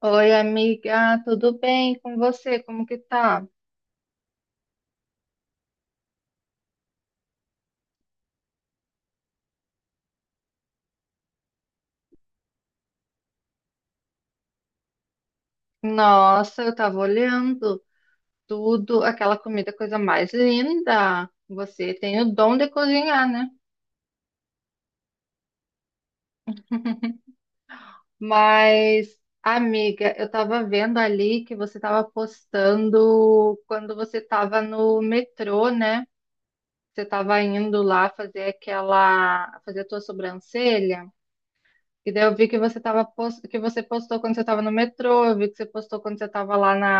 Oi, amiga, tudo bem com você? Como que tá? Nossa, eu tava olhando tudo, aquela comida, coisa mais linda. Você tem o dom de cozinhar, né? Mas, amiga, eu tava vendo ali que você tava postando quando você tava no metrô, né? Você tava indo lá fazer a tua sobrancelha. E daí eu vi que que você postou quando você tava no metrô. Eu vi que você postou quando você tava lá na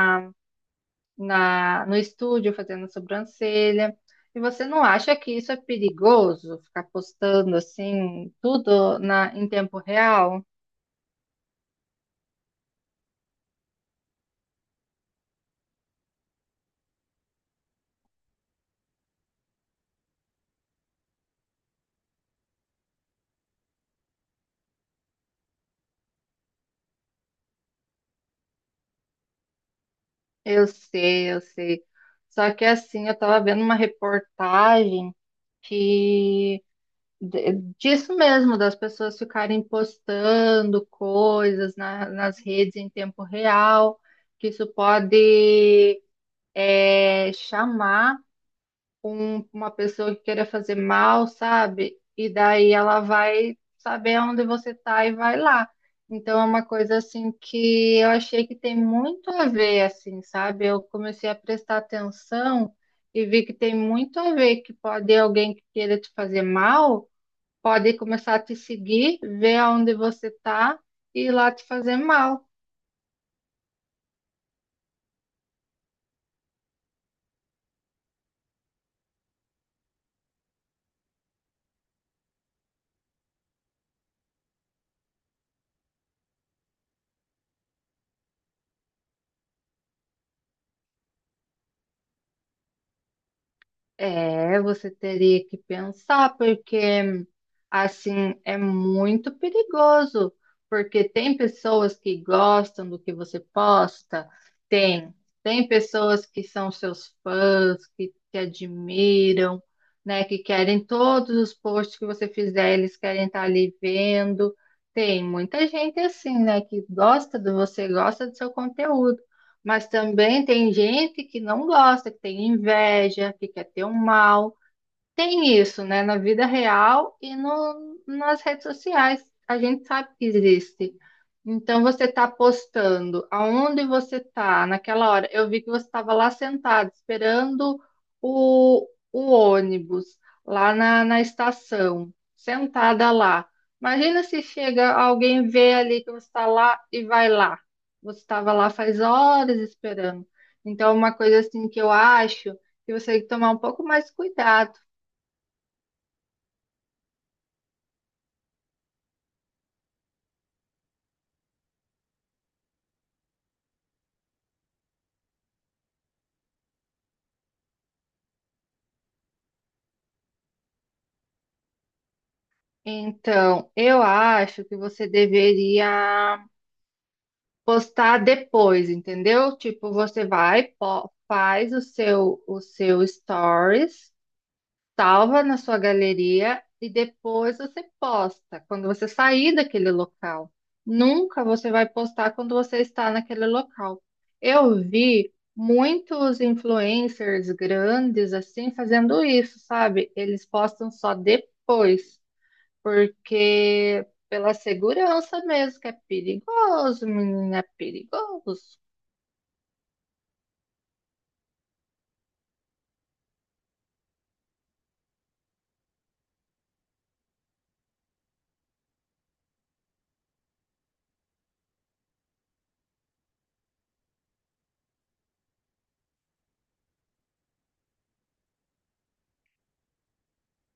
na, no estúdio fazendo sobrancelha. E você não acha que isso é perigoso, ficar postando assim tudo em tempo real? Eu sei, eu sei. Só que assim, eu tava vendo uma reportagem que de- disso mesmo, das pessoas ficarem postando coisas nas redes em tempo real, que isso pode chamar com uma pessoa que queira fazer mal, sabe? E daí ela vai saber onde você tá e vai lá. Então é uma coisa assim que eu achei que tem muito a ver, assim, sabe? Eu comecei a prestar atenção e vi que tem muito a ver, que pode alguém que queira te fazer mal, pode começar a te seguir, ver onde você tá e ir lá te fazer mal. É, você teria que pensar, porque assim é muito perigoso, porque tem pessoas que gostam do que você posta, tem, tem pessoas que são seus fãs, que te admiram, né, que querem todos os posts que você fizer, eles querem estar ali vendo. Tem muita gente assim, né, que gosta de você, gosta do seu conteúdo. Mas também tem gente que não gosta, que tem inveja, que quer ter um mal. Tem isso, né? Na vida real e no, nas redes sociais. A gente sabe que existe. Então, você está postando aonde você está naquela hora. Eu vi que você estava lá sentado, esperando o ônibus, lá na estação, sentada lá. Imagina se chega alguém, vê ali que você está lá e vai lá. Você estava lá faz horas esperando. Então, uma coisa assim que eu acho que você tem que tomar um pouco mais cuidado. Então, eu acho que você deveria postar depois, entendeu? Tipo, você faz o seu stories, salva na sua galeria e depois você posta, quando você sair daquele local. Nunca você vai postar quando você está naquele local. Eu vi muitos influencers grandes assim fazendo isso, sabe? Eles postam só depois. Porque pela segurança mesmo, que é perigoso, menina, é perigoso.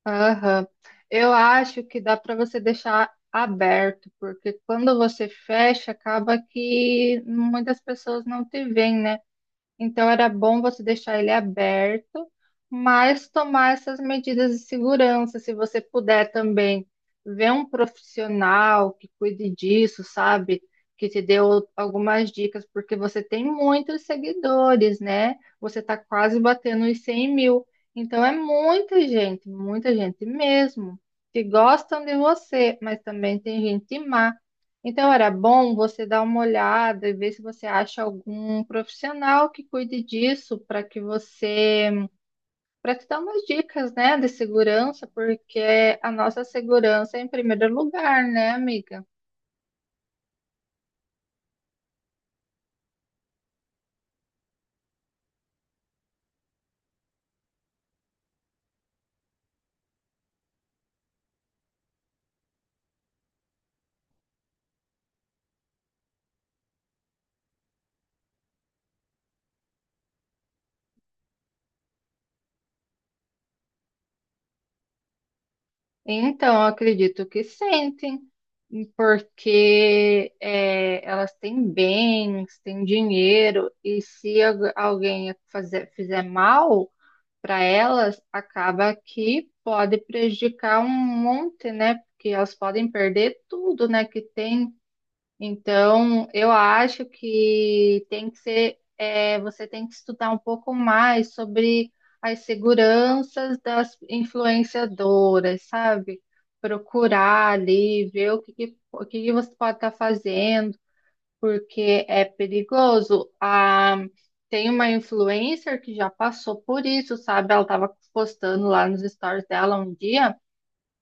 Aham. Eu acho que dá para você deixar aberto, porque quando você fecha, acaba que muitas pessoas não te veem, né? Então era bom você deixar ele aberto, mas tomar essas medidas de segurança. Se você puder também ver um profissional que cuide disso, sabe? Que te deu algumas dicas, porque você tem muitos seguidores, né? Você está quase batendo os 100 mil. Então é muita gente mesmo, que gostam de você, mas também tem gente má. Então, era bom você dar uma olhada e ver se você acha algum profissional que cuide disso para que você, para te dar umas dicas, né, de segurança, porque a nossa segurança é em primeiro lugar, né, amiga? Então, eu acredito que sentem, porque é, elas têm bens, têm dinheiro, e se alguém fizer mal para elas, acaba que pode prejudicar um monte, né? Porque elas podem perder tudo, né, que tem. Então, eu acho que tem que ser, você tem que estudar um pouco mais sobre as seguranças das influenciadoras, sabe? Procurar ali, ver o que que você pode estar fazendo, porque é perigoso. Ah, tem uma influencer que já passou por isso, sabe? Ela estava postando lá nos stories dela um dia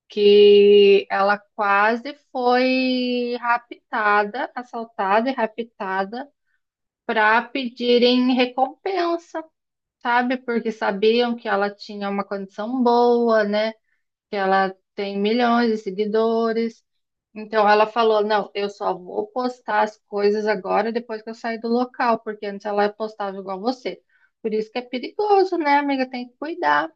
que ela quase foi raptada, assaltada e raptada para pedirem recompensa, sabe? Porque sabiam que ela tinha uma condição boa, né? Que ela tem milhões de seguidores. Então ela falou: não, eu só vou postar as coisas agora depois que eu sair do local, porque antes ela postava igual você. Por isso que é perigoso, né, amiga? Tem que cuidar.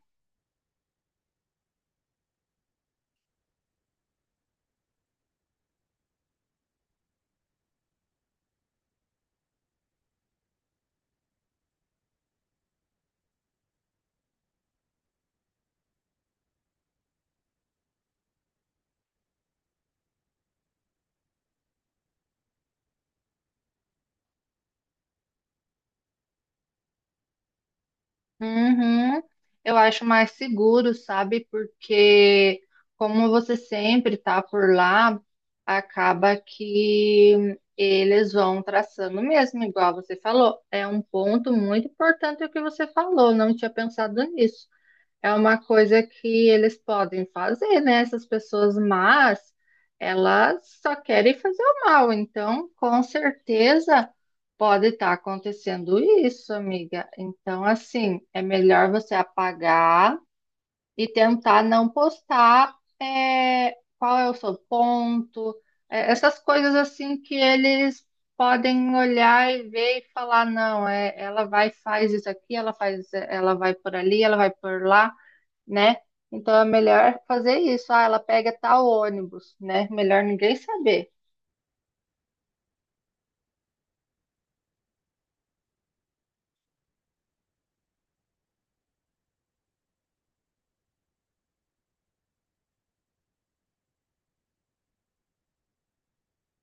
Uhum. Eu acho mais seguro, sabe? Porque como você sempre tá por lá, acaba que eles vão traçando mesmo, igual você falou. É um ponto muito importante o que você falou, não tinha pensado nisso. É uma coisa que eles podem fazer, né? Essas pessoas, mas elas só querem fazer o mal. Então, com certeza pode estar acontecendo isso, amiga. Então, assim, é melhor você apagar e tentar não postar é, qual é o seu ponto, essas coisas assim que eles podem olhar e ver e falar, não, é, ela vai faz isso aqui, ela faz, ela vai por ali, ela vai por lá, né? Então é melhor fazer isso. Ah, ela pega tal ônibus, né? Melhor ninguém saber.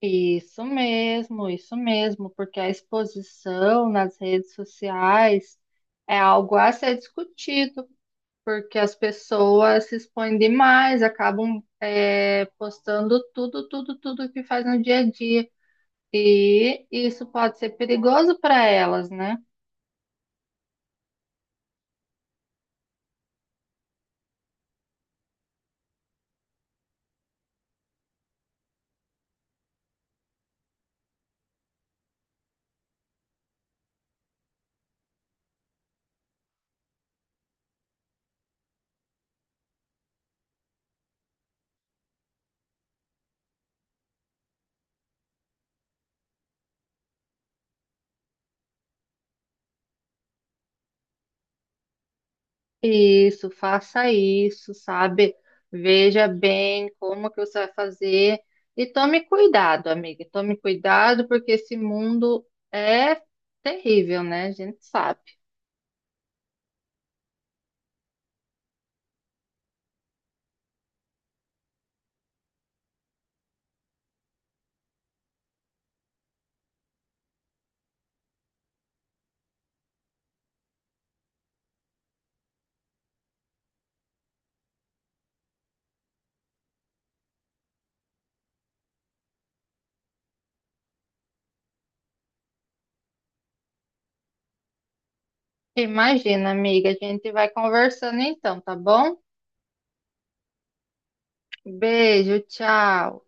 Isso mesmo, porque a exposição nas redes sociais é algo a ser discutido, porque as pessoas se expõem demais, acabam postando tudo, tudo, tudo que faz no dia a dia. E isso pode ser perigoso para elas, né? Isso, faça isso, sabe? Veja bem como que você vai fazer e tome cuidado, amiga. Tome cuidado porque esse mundo é terrível, né? A gente sabe. Imagina, amiga, a gente vai conversando então, tá bom? Beijo, tchau.